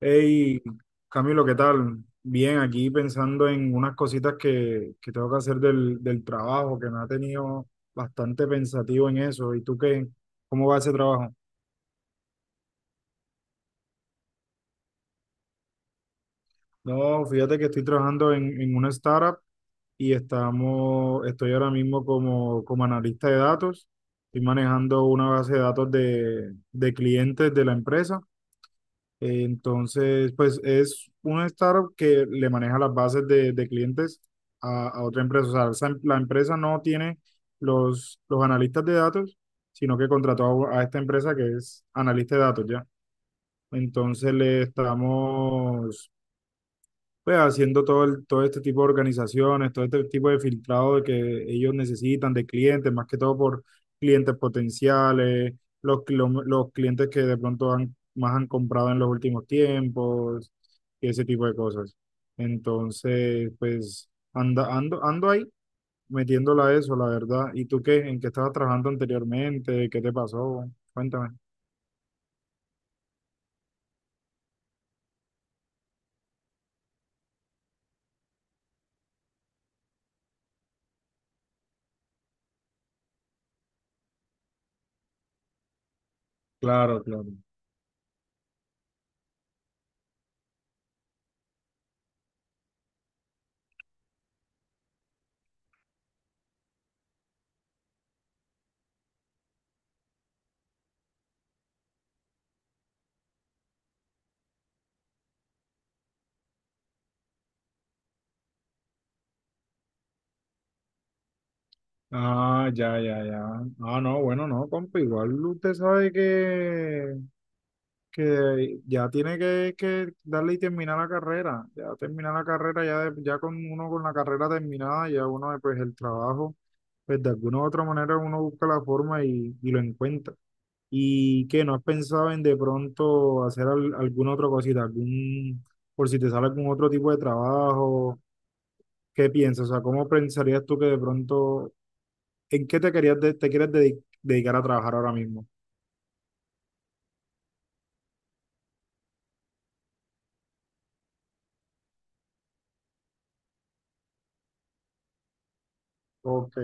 Hey, Camilo, ¿qué tal? Bien, aquí pensando en unas cositas que tengo que hacer del trabajo, que me ha tenido bastante pensativo en eso. ¿Y tú qué? ¿Cómo va ese trabajo? No, fíjate que estoy trabajando en una startup y estoy ahora mismo como analista de datos. Estoy manejando una base de datos de clientes de la empresa. Entonces, pues es un startup que le maneja las bases de clientes a otra empresa. O sea, la empresa no tiene los analistas de datos, sino que contrató a esta empresa que es analista de datos ya. Entonces le estamos pues haciendo todo, todo este tipo de organizaciones, todo este tipo de filtrado de que ellos necesitan de clientes, más que todo por clientes potenciales, los clientes que de pronto han, más han comprado en los últimos tiempos, y ese tipo de cosas. Entonces, pues ando ahí metiéndola a eso, la verdad. ¿Y tú qué? ¿En qué estabas trabajando anteriormente? ¿Qué te pasó? Cuéntame. Claro, claro. Ah, ya, ya, ya. Ah, no, bueno, no, compa, igual usted sabe que ya tiene que darle y terminar la carrera. Ya terminar la carrera, ya, ya con uno con la carrera terminada, ya uno, pues el trabajo, pues de alguna u otra manera uno busca la forma y lo encuentra. ¿Y qué? ¿No has pensado en de pronto hacer alguna otra cosita, algún, por si te sale algún otro tipo de trabajo? ¿Qué piensas? O sea, ¿cómo pensarías tú que de pronto? ¿En qué te quieres dedicar a trabajar ahora mismo? Ok,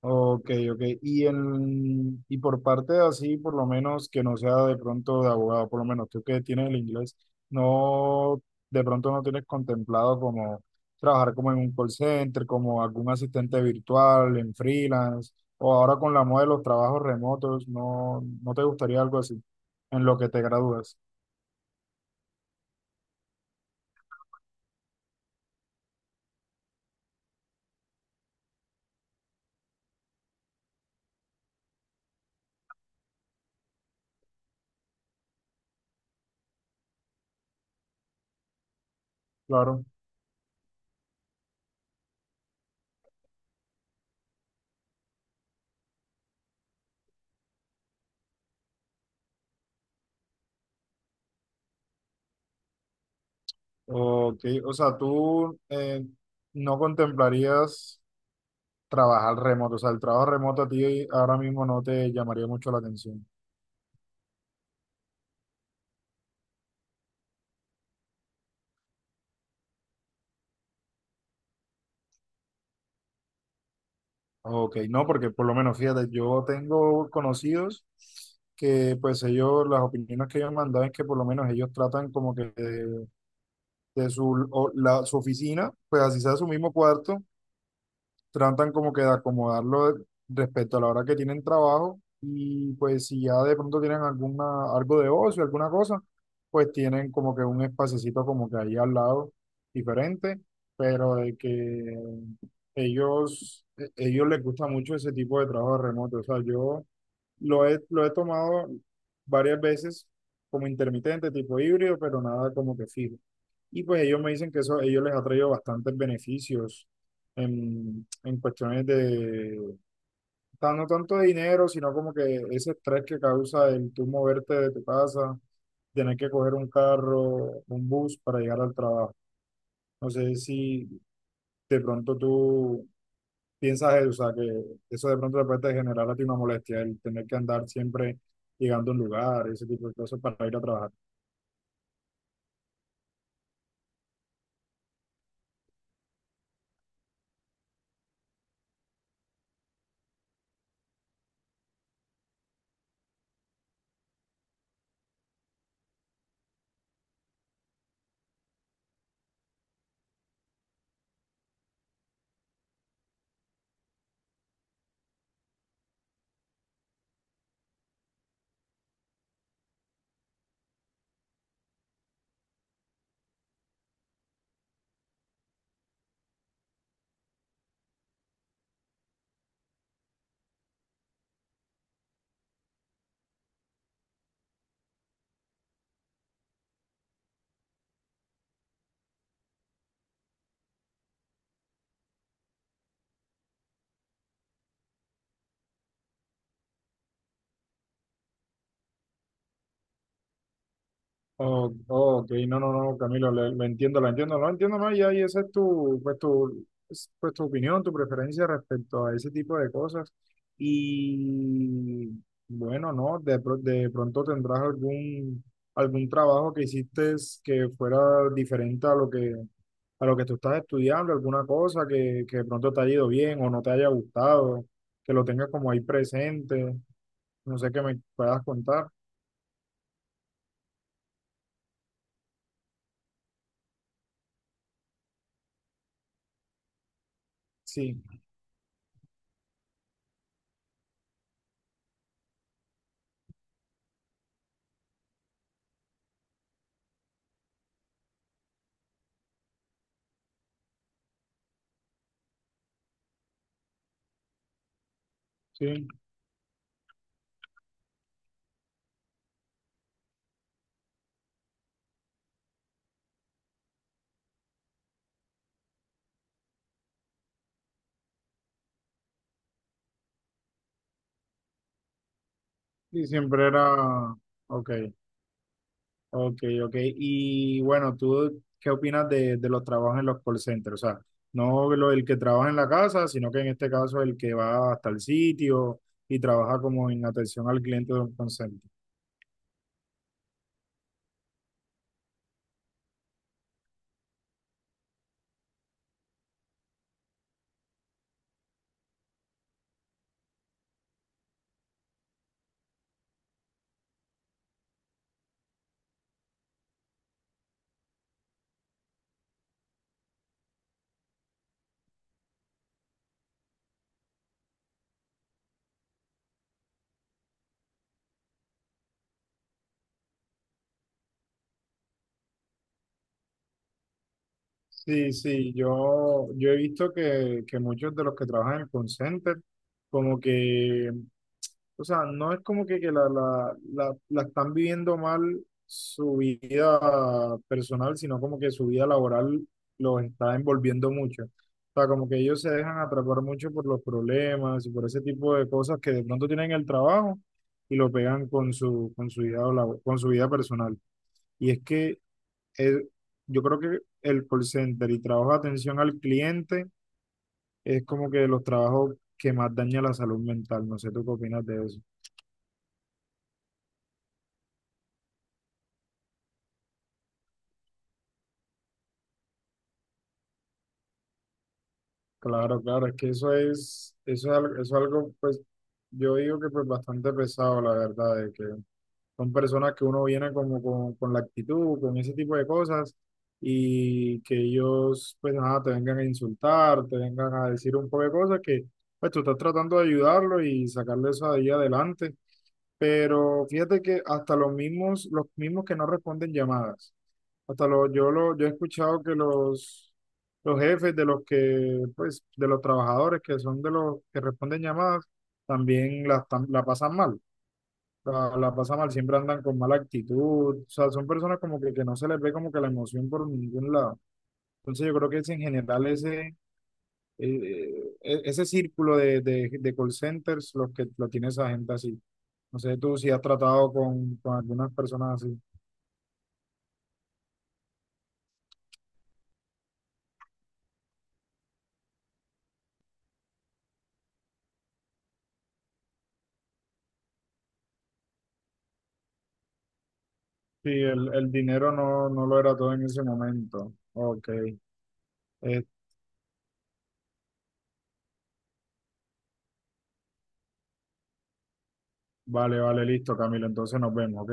ok, ok. Y, en, y por parte de así, por lo menos que no sea de pronto de abogado, por lo menos tú que tienes el inglés, no, de pronto no tienes contemplado como trabajar como en un call center, como algún asistente virtual, en freelance, o ahora con la moda de los trabajos remotos, no, no te gustaría algo así, en lo que te gradúas, claro. Ok, o sea, tú, no contemplarías trabajar remoto, o sea, el trabajo remoto a ti ahora mismo no te llamaría mucho la atención. Ok, no, porque por lo menos, fíjate, yo tengo conocidos que pues ellos, las opiniones que ellos me han dado es que por lo menos ellos tratan como que de su, su oficina, pues así sea su mismo cuarto, tratan como que de acomodarlo respecto a la hora que tienen trabajo y pues si ya de pronto tienen alguna, algo de ocio, alguna cosa, pues tienen como que un espacecito como que ahí al lado diferente, pero de que ellos les gusta mucho ese tipo de trabajo remoto. O sea, yo lo he tomado varias veces como intermitente, tipo híbrido, pero nada como que fijo. Y pues ellos me dicen que eso a ellos les ha traído bastantes beneficios en cuestiones de, o sea, no tanto de dinero, sino como que ese estrés que causa el tú moverte de tu casa, tener que coger un carro, un bus para llegar al trabajo. No sé si de pronto tú piensas eso, o sea, que eso de pronto te puede generar a ti una molestia, el tener que andar siempre llegando a un lugar, ese tipo de cosas para ir a trabajar. Oh, oh, ok, no, no, no, Camilo, lo entiendo, lo entiendo, lo entiendo más y ahí esa es tu, pues tu, es, pues tu opinión, tu preferencia respecto a ese tipo de cosas. Y bueno, no, de pronto tendrás algún, algún trabajo que hiciste que fuera diferente a lo que tú estás estudiando, alguna cosa que de pronto te haya ido bien o no te haya gustado, que lo tengas como ahí presente, no sé qué me puedas contar. Sí, sí. Sí, siempre era, ok, ok, ok. Y bueno, ¿tú qué opinas de los trabajos en los call centers? O sea, no lo, el que trabaja en la casa, sino que en este caso el que va hasta el sitio y trabaja como en atención al cliente de un call center. Sí, sí, yo he visto que muchos de los que trabajan en el call center como que. O sea, no es como que la están viviendo mal su vida personal, sino como que su vida laboral los está envolviendo mucho. O sea, como que ellos se dejan atrapar mucho por los problemas y por ese tipo de cosas que de pronto tienen en el trabajo y lo pegan con su, con su vida personal. Y es que eh, yo creo que el call center y trabajo de atención al cliente es como que de los trabajos que más daña la salud mental. No sé, ¿tú qué opinas de eso? Claro, claro, es que eso es, eso es algo, pues, yo digo que pues bastante pesado, la verdad, de que son personas que uno viene como con la actitud, con ese tipo de cosas, y que ellos, pues nada, te vengan a insultar, te vengan a decir un poco de cosas que, pues tú estás tratando de ayudarlo y sacarle eso ahí adelante, pero fíjate que hasta los mismos que no responden llamadas, hasta los, yo he escuchado que los jefes de los que, pues, de los trabajadores que son de los que responden llamadas, también la pasan mal, la pasan mal, siempre andan con mala actitud, o sea, son personas como que no se les ve como que la emoción por ningún lado. Entonces yo creo que es en general ese, ese círculo de de call centers los que lo tiene esa gente así. No sé tú si has tratado con algunas personas así. Sí, el dinero no, no lo era todo en ese momento. Ok. Eh, vale, vale, listo, Camilo. Entonces nos vemos, ¿ok?